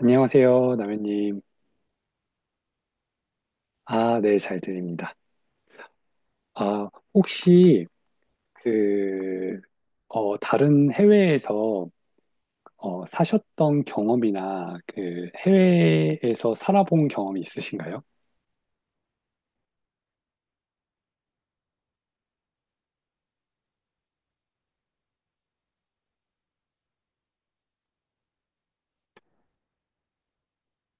안녕하세요, 남현님. 아, 네, 잘 들립니다. 아, 혹시 그, 다른 해외에서 사셨던 경험이나 그 해외에서 살아본 경험이 있으신가요?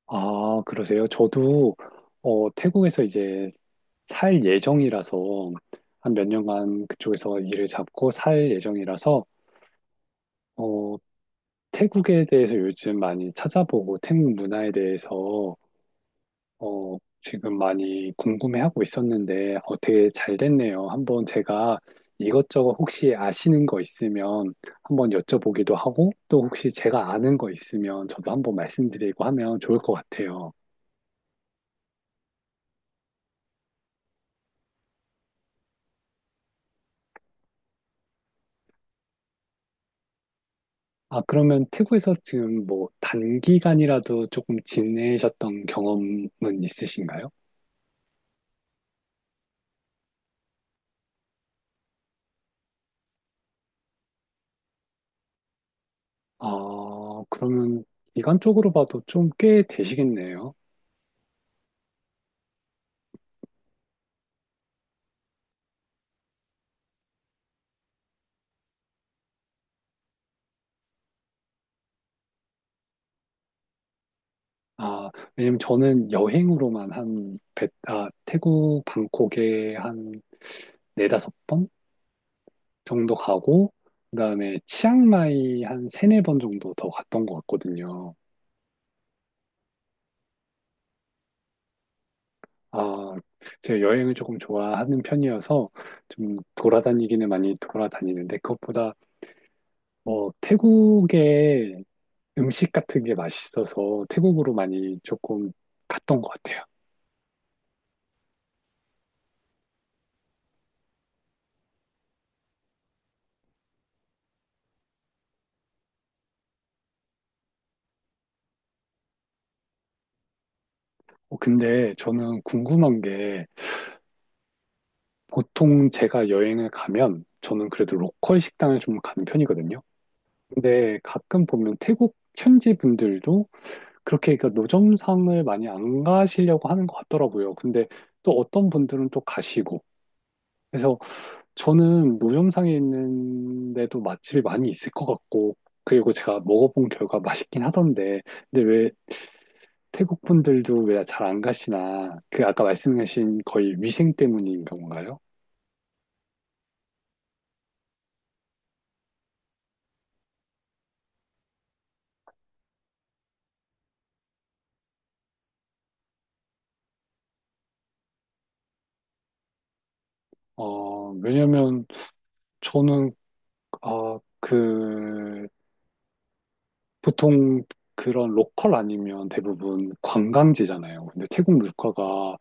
아, 그러세요? 저도 태국에서 이제 살 예정이라서 한 몇 년간 그쪽에서 일을 잡고 살 예정이라서 어, 태국에 대해서 요즘 많이 찾아보고 태국 문화에 대해서 어, 지금 많이 궁금해하고 있었는데 되게 잘 됐네요. 한번 제가 이것저것 혹시 아시는 거 있으면 한번 여쭤보기도 하고 또 혹시 제가 아는 거 있으면 저도 한번 말씀드리고 하면 좋을 것 같아요. 아, 그러면 태국에서 지금 뭐 단기간이라도 조금 지내셨던 경험은 있으신가요? 아, 그러면 기간적으로 봐도 좀 꽤 되시겠네요. 아, 왜냐면 저는 여행으로만 태국 방콕에 한 네다섯 번 정도 가고, 그다음에 치앙마이 한 세네 번 정도 더 갔던 것 같거든요. 아, 제가 여행을 조금 좋아하는 편이어서 좀 돌아다니기는 많이 돌아다니는데, 그것보다 뭐 태국의 음식 같은 게 맛있어서 태국으로 많이 조금 갔던 것 같아요. 근데 저는 궁금한 게, 보통 제가 여행을 가면 저는 그래도 로컬 식당을 좀 가는 편이거든요. 근데 가끔 보면 태국 현지 분들도 그렇게 그러니까 노점상을 많이 안 가시려고 하는 것 같더라고요. 근데 또 어떤 분들은 또 가시고. 그래서 저는 노점상에 있는데도 맛집이 많이 있을 것 같고, 그리고 제가 먹어본 결과 맛있긴 하던데, 근데 왜 태국 분들도 왜 잘 안 가시나? 그 아까 말씀하신 거의 위생 때문인 건가요? 왜냐면 저는 아, 그, 보통 그런 로컬 아니면 대부분 관광지잖아요. 근데 태국 물가가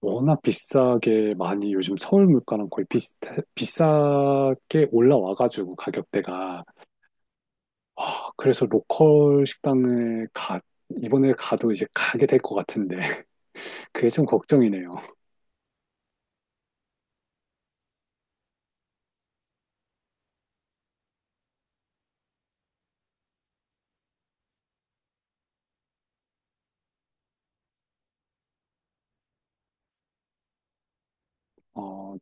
워낙 비싸게 많이 요즘 서울 물가랑 거의 비싸게 올라와가지고 가격대가. 아, 그래서 로컬 식당을 이번에 가도 이제 가게 될 것 같은데. 그게 좀 걱정이네요. 어,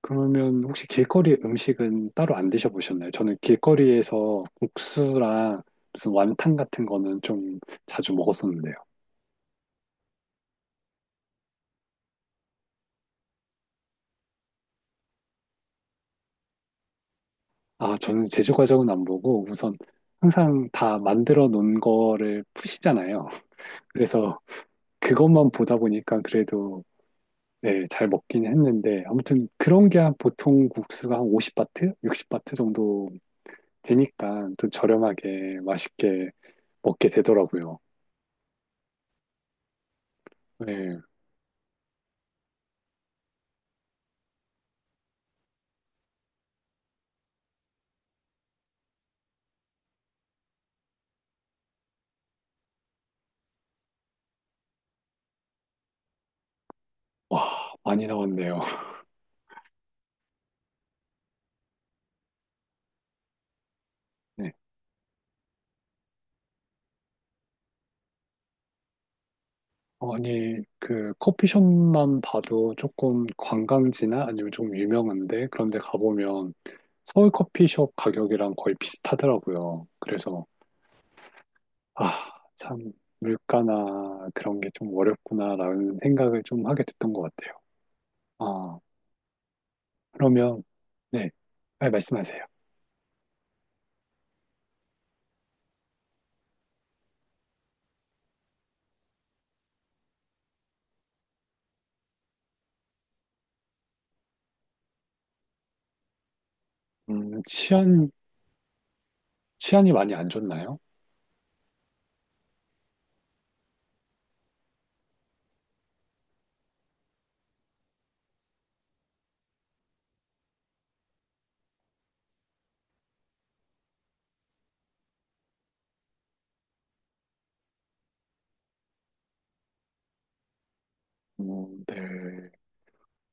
그러면 혹시 길거리 음식은 따로 안 드셔보셨나요? 저는 길거리에서 국수랑 무슨 완탕 같은 거는 좀 자주 먹었었는데요. 아, 저는 제조 과정은 안 보고 우선 항상 다 만들어 놓은 거를 푸시잖아요. 그래서 그것만 보다 보니까 그래도 네, 잘 먹긴 했는데 아무튼 그런 게 한 보통 국수가 한 50바트, 60바트 정도 되니까 좀 저렴하게 맛있게 먹게 되더라고요. 네, 와, 많이 나왔네요. 네. 아니, 그 커피숍만 봐도 조금 관광지나 아니면 좀 유명한데 그런 데 가보면 서울 커피숍 가격이랑 거의 비슷하더라고요. 그래서 아, 참 물가나 그런 게 좀 어렵구나라는 생각을 좀 하게 됐던 것 같아요. 아, 그러면 네, 빨리 말씀하세요. 음, 치안, 치안이 많이 안 좋나요? 네.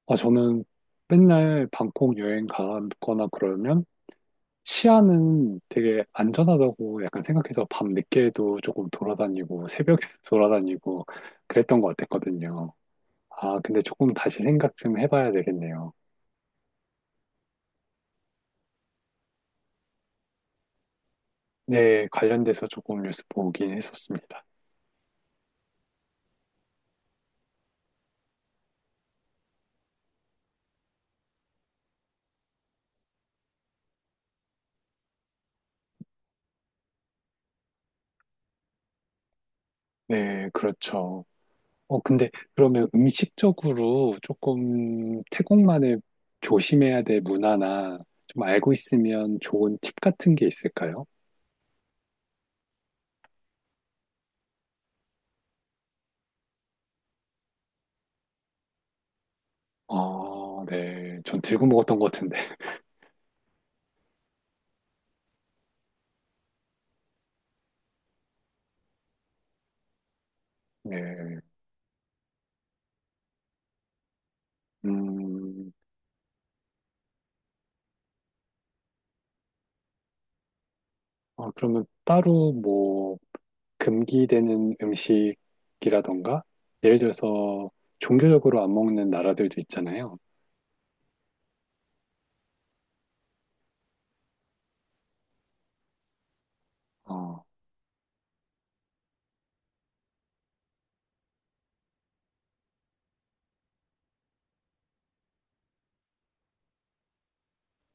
아, 저는 맨날 방콕 여행 가거나 그러면 치안은 되게 안전하다고 약간 생각해서 밤 늦게도 조금 돌아다니고 새벽에 돌아다니고 그랬던 것 같았거든요. 아, 근데 조금 다시 생각 좀 해봐야 되겠네요. 네, 관련돼서 조금 뉴스 보긴 했었습니다. 네, 그렇죠. 근데 그러면 음식적으로 조금 태국만의 조심해야 될 문화나 좀 알고 있으면 좋은 팁 같은 게 있을까요? 아, 네. 전 들고 먹었던 것 같은데. 네. 음. 어 그러면 따로 뭐 금기되는 음식이라던가 예를 들어서 종교적으로 안 먹는 나라들도 있잖아요. 아,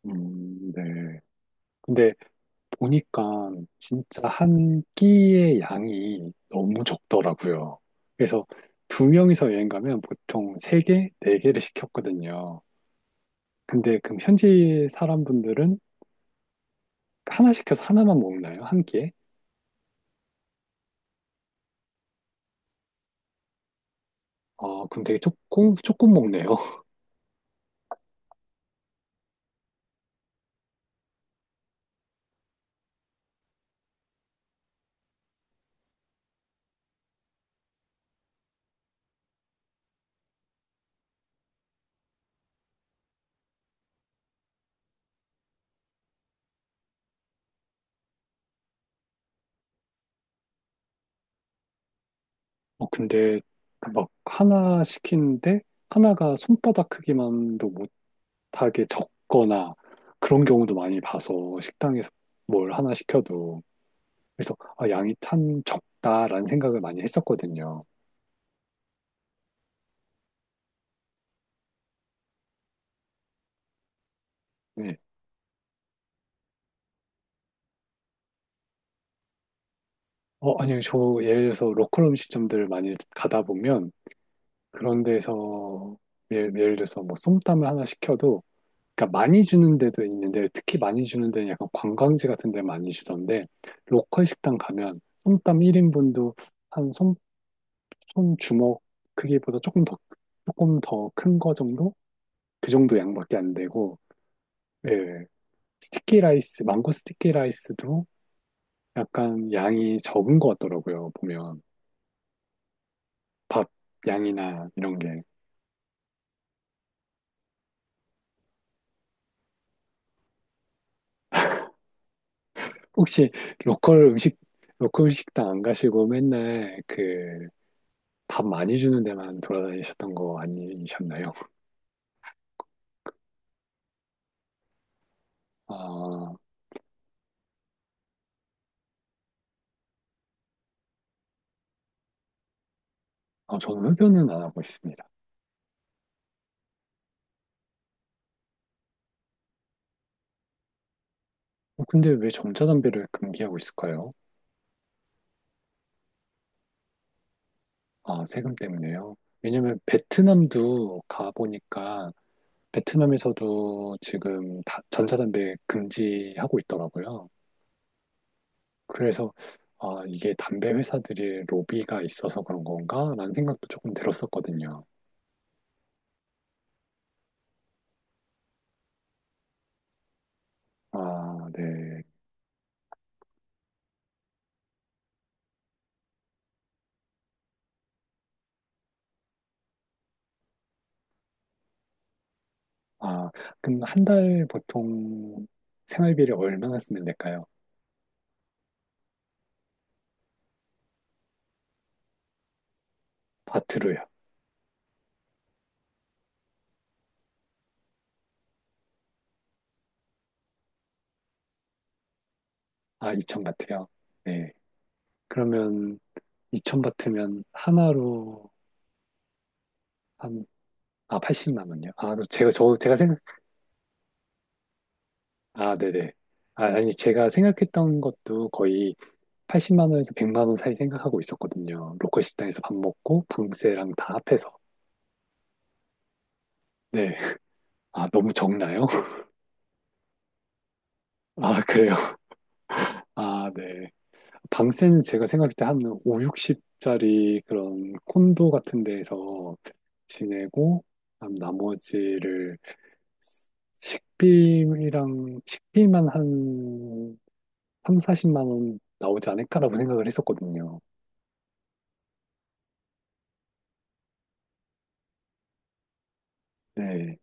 네. 근데 보니까 진짜 한 끼의 양이 너무 적더라고요. 그래서 두 명이서 여행 가면 보통 세 개, 네 개를 시켰거든요. 근데 그럼 현지 사람분들은 하나 시켜서 하나만 먹나요? 한 끼에? 아, 그럼 되게 조금, 조금 먹네요. 근데 막 하나 시키는데 하나가 손바닥 크기만도 못하게 적거나 그런 경우도 많이 봐서 식당에서 뭘 하나 시켜도 그래서 아, 양이 참 적다라는 생각을 많이 했었거든요. 네. 아니요. 저 예를 들어서 로컬 음식점들 많이 가다 보면 그런 데서 예를 들어서 뭐 솜땀을 하나 시켜도 그러니까 많이 주는 데도 있는데 특히 많이 주는 데는 약간 관광지 같은 데 많이 주던데 로컬 식당 가면 솜땀 1인분도 한 손, 손주먹 크기보다 조금 더 큰 거 정도? 그 정도 양밖에 안 되고 예. 스티키 라이스, 망고 스티키 라이스도 약간 양이 적은 것 같더라고요. 보면 밥 양이나 이런 게 혹시 로컬 음식 로컬 식당 안 가시고 맨날 그 밥 많이 주는 데만 돌아다니셨던 거 아니셨나요? 아, 아, 저는 흡연은 안 하고 있습니다. 어, 근데 왜 전자담배를 금기하고 있을까요? 아, 세금 때문에요. 왜냐면 베트남도 가보니까 베트남에서도 지금 다- 전자담배 금지하고 있더라고요. 그래서 아, 이게 담배 회사들이 로비가 있어서 그런 건가? 라는 생각도 조금 들었었거든요. 아, 네. 아, 그럼 한 달 보통 생활비를 얼마나 쓰면 될까요? 바트로요. 아, 2000 바트요. 네. 그러면 2000 바트면 하나로 한, 80만 원요. 아, 또 제가 생각 아, 네네. 아, 아니 제가 생각했던 것도 거의 80만 원에서 100만 원 사이 생각하고 있었거든요. 로컬 식당에서 밥 먹고 방세랑 다 합해서. 네. 아, 너무 적나요? 아, 그래요. 아, 네. 방세는 제가 생각할 때 한 5, 60짜리 그런 콘도 같은 데에서 지내고, 그다음 나머지를 식비랑 식비만 한 3, 40만 원 나오지 않을까라고 생각을 했었거든요. 네.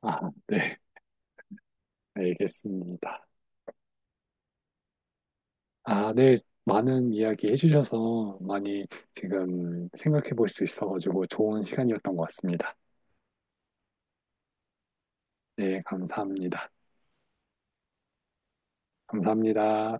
아, 네. 알겠습니다. 아, 네. 많은 이야기 해주셔서 많이 지금 생각해 볼 수 있어가지고 좋은 시간이었던 것 같습니다. 네, 감사합니다. 감사합니다.